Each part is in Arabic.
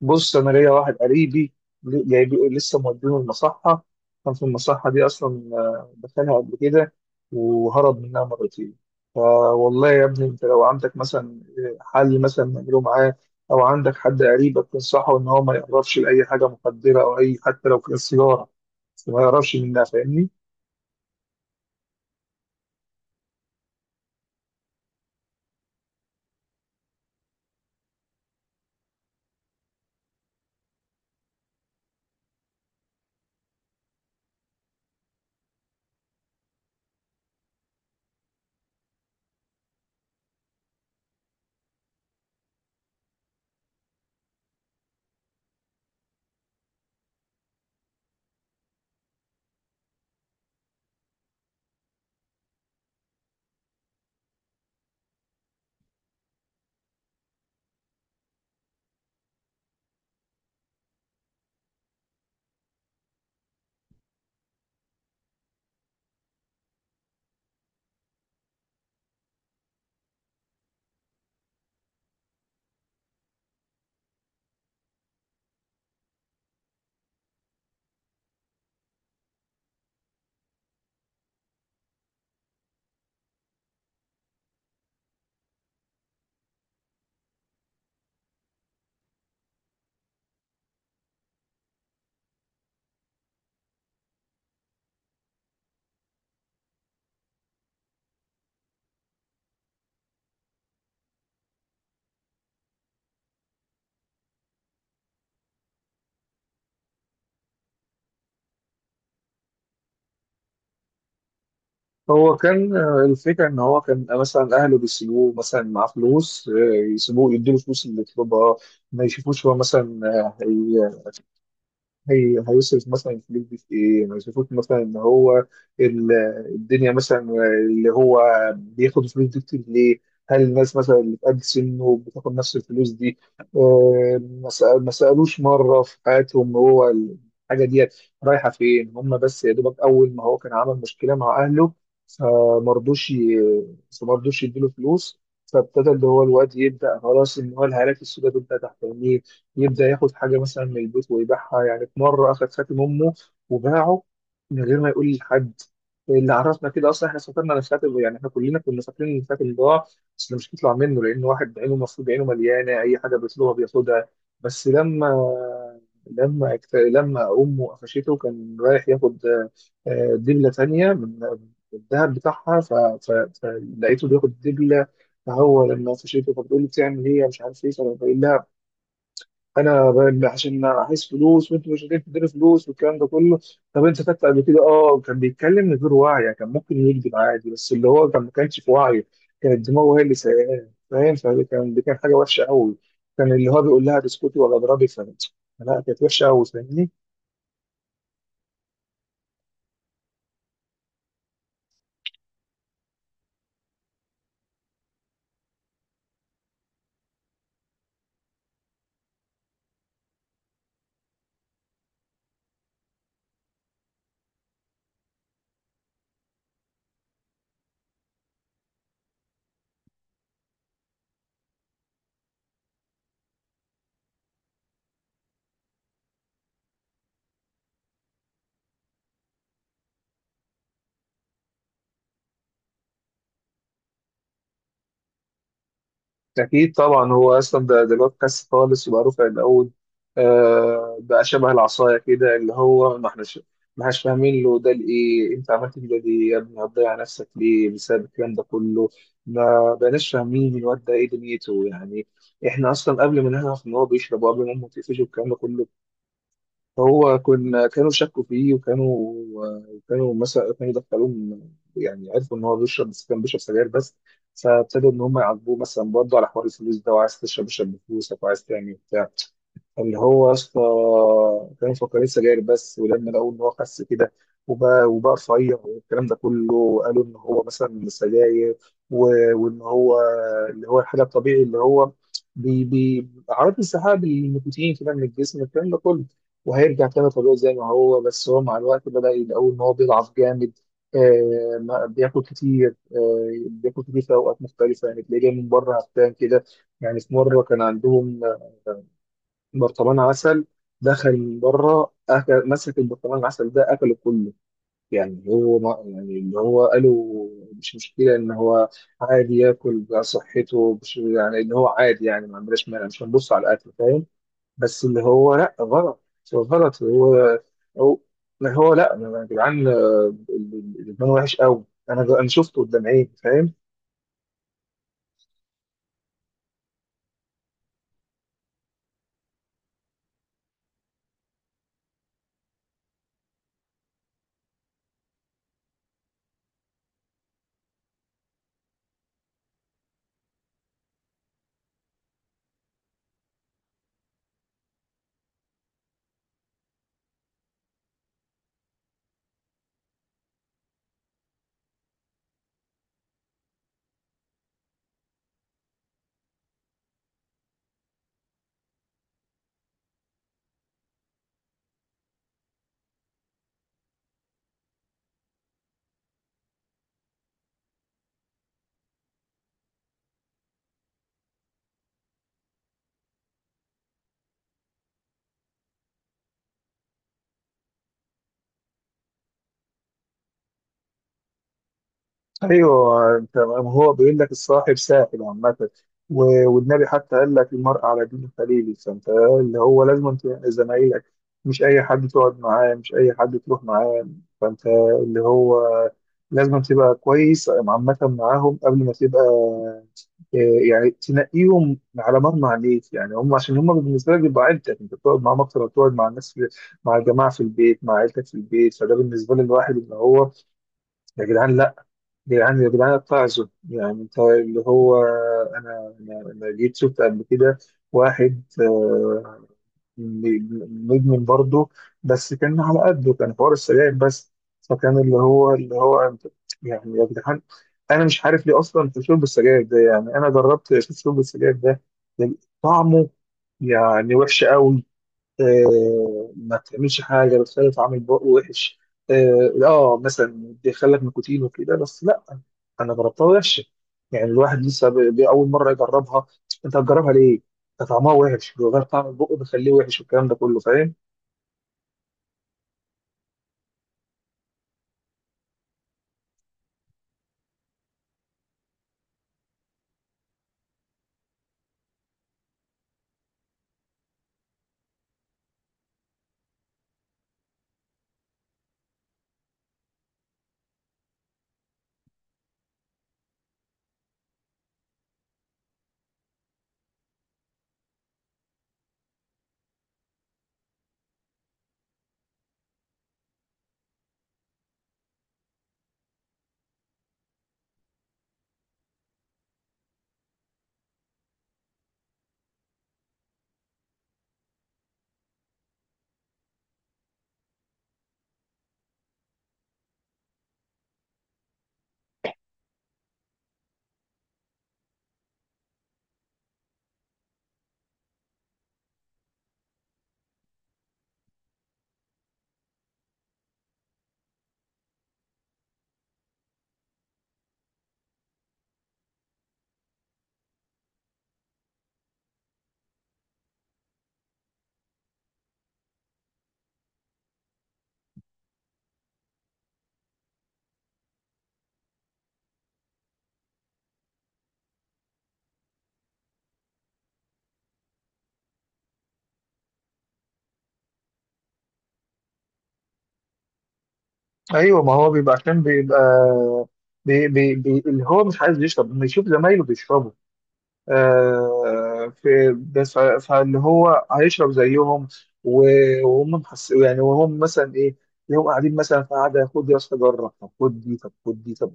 بص، انا ليا واحد قريبي جايب لسه مودينه المصحه. كان في المصحه دي اصلا، دخلها قبل كده وهرب منها مرتين. فوالله يا ابني، انت لو عندك مثلا حل مثلا نعمله معاه، او عندك حد قريبك تنصحه ان هو ما يقربش لاي حاجه مخدره او اي حتى لو كان سيجاره، بس ما يقربش منها. فاهمني؟ هو كان، الفكره ان هو كان مثلا اهله بيسيبوه مثلا معاه فلوس، يسيبوه يديله فلوس اللي يطلبها. ما يشوفوش هو مثلا آه، هيصرف مثلا الفلوس دي في ايه؟ ما يصرفوش مثلا ان هو ال- الدنيا مثلا، اللي هو بياخد الفلوس دي كتير ليه؟ هل الناس مثلا اللي في قد سنه بتاخد نفس الفلوس دي؟ ما سألوش مرة في حياتهم هو الحاجة دي رايحة فين؟ هم بس يا دوبك أول ما هو كان عمل مشكلة مع أهله فمرضوش ي- فمرضوش يديله فلوس، فابتدى اللي هو الواد يبدأ خلاص إن هو الهالات السوداء تبدأ تحت عينيه. يبدأ ياخد حاجة مثلا من البيت ويبيعها، يعني في مرة أخد خاتم أمه وباعه من غير ما يقول لحد. اللي عرفنا كده أصلا إحنا سافرنا الخاتم، يعني إحنا كلنا كنا فاكرين إن الخاتم ضاع. بس ده مش هيطلع منه، لأن واحد عينه المفروض عينه مليانة، أي حاجة بيطلبها بياخدها. بس لما أمه قفشته كان رايح ياخد دبلة تانية من الذهب بتاعها، فلقيته بياخد دبلة. فهو لما قفشته فبتقول لي بتعمل إيه مش عارف إيه، فأنا بقول لها: انا عشان عايز فلوس وانتوا مش قادرين تديني فلوس والكلام ده كله. طب انت خدت قبل كده؟ اه كان بيتكلم من غير وعي، يعني كان ممكن يكذب عادي، بس اللي هو كان ما كانش في وعيه. كانت دماغه هي اللي سايقاه، فاهم؟ فكان دي كان حاجه وحشه قوي. كان اللي هو بيقول لها بسكوتي ولا اضربي فلا. لا، كانت وحشه قوي. فاهمني؟ أكيد طبعا، هو أصلا ده بودكاست خالص وبقى رفع العود، بقى شبه العصاية كده، اللي هو ما احناش فاهمين له ده لإيه. أنت عملت كده ليه يا ابني؟ هتضيع نفسك ليه بسبب الكلام ده كله؟ ما بقناش فاهمين الواد ده إيه دنيته يعني. إحنا أصلا قبل ما نعرف إن هو بيشرب وقبل ما أمه تقفشه والكلام ده كله، هو كنا كانوا شكوا فيه وكانوا، مثلا كانوا يعني عرفوا ان هو بيشرب، بس كان بيشرب سجاير بس. فابتدوا ان هم يعاقبوه مثلا برضه على حوار الفلوس ده، وعايز تشرب اشرب بفلوسك، وعايز تعمل بتاع اللي هو يا اسطى. كانوا مفكرين سجاير بس، ولما لقوا ان هو خس كده وبقى رفيع والكلام ده كله، وقالوا ان هو مثلا سجاير وان هو اللي هو الحاجه الطبيعي، اللي هو بي بي اعراض انسحاب النيكوتين كده من الجسم، الكلام ده كله، وهيرجع تاني طبيعي زي ما هو. بس هو مع الوقت بدأ يلاقوا ان هو بيضعف جامد، بياكل كتير، بياكل كتير في اوقات مختلفه، يعني تلاقيه جاي من بره هفتان كده. يعني في مره كان عندهم برطمان عسل، دخل من بره أكل، مسك البرطمان العسل ده أكله كله. يعني هو، ما يعني اللي هو قالوا مش مشكلة إن هو عادي ياكل بقى صحته، مش يعني إن هو عادي، يعني ما عندناش مانع، مش هنبص على الأكل. فاهم؟ بس اللي هو لأ، غلط. هو غلط. هو ما هو لأ يا جدعان، الإدمان وحش قوي. أنا شفته قدام عيني. فاهم؟ ايوه، انت هو بيقول لك الصاحب ساحب عامه، والنبي حتى قال لك المرء على دين خليله. فانت اللي هو لازم أنت يعني زمايلك، مش اي حد تقعد معاه، مش اي حد تروح معاه. فانت اللي هو لازم تبقى كويس عامه معاهم قبل ما تبقى، آه، يعني تنقيهم على مرمى عليك، يعني هم عشان هم بالنسبه لك بيبقى عيلتك، انت بتقعد معاهم اكتر ما بتقعد مع الناس في، مع الجماعه في البيت، مع عيلتك في البيت. فده بالنسبه للواحد ان هو يا جدعان، يعني يا جدعان اتعظوا. يعني انت اللي هو، انا انا أنا جيت شفت قبل كده واحد مدمن برضه، بس كان على قده، كان حوار السجاير بس. فكان اللي هو يعني يا جدعان، انا مش عارف ليه اصلا في شرب السجاير ده. يعني انا جربت اشوف شرب السجاير ده طعمه، يعني وحش قوي. ما تعملش حاجه بتخلي طعم البق وحش. مثلا بيخلك نيكوتين وكده، بس لا، انا جربتها وحشه. يعني الواحد لسه اول مره يجربها، انت هتجربها ليه؟ ده طعمها وحش، بيغير طعم البق بيخليه وحش والكلام ده كله. فاهم؟ ايوه، ما هو بيبقى عشان بيبقى بي بي بي اللي هو مش عايز يشرب، لما يشوف زمايله بيشربوا في، بس فاللي هو هيشرب زيهم. وهم محس يعني، وهم مثلا ايه يوم قاعدين مثلا في قعده: خد يا اسطى جرب، طب خد دي، طب خد دي، طب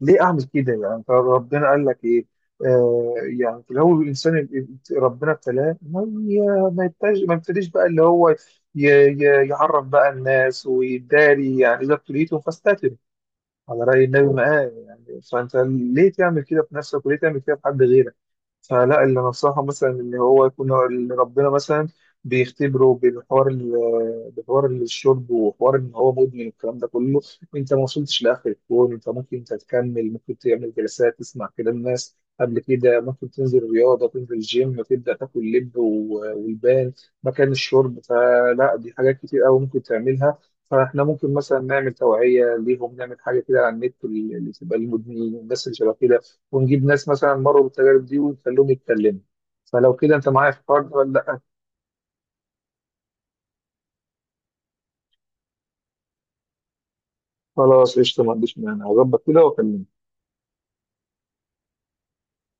ليه اعمل كده يعني؟ انت ربنا قال لك ايه؟ آه يعني في الاول الانسان ربنا ابتلاه، ما يبتديش بقى اللي هو يعرف بقى الناس ويداري. يعني اذا ابتليتم فاستتب، على رأي النبي معاه. يعني فأنت ليه تعمل كده في نفسك وليه تعمل كده في حد غيرك؟ فلا، اللي نصحه مثلا إن هو يكون اللي ربنا مثلا بيختبره بالحوار بحوار الشرب وحوار إن هو مدمن والكلام ده كله. أنت ما وصلتش لآخر الكون، أنت ممكن تتكمل، ممكن تعمل جلسات تسمع كلام الناس قبل كده، ممكن تنزل رياضة، تنزل الجيم، تبدأ تاكل لب والبان مكان الشرب. فلا، دي حاجات كتير أوي ممكن تعملها. فاحنا ممكن مثلا نعمل توعيه ليهم، نعمل حاجه كده على النت اللي تبقى للمدمنين والناس اللي شبه كده، ونجيب ناس مثلا مروا بالتجارب دي ونخليهم يتكلموا. فلو كده، انت معايا في الحوار ده ولا لا؟ خلاص، قشطه، ما عنديش مانع، هظبط كده واكلمك.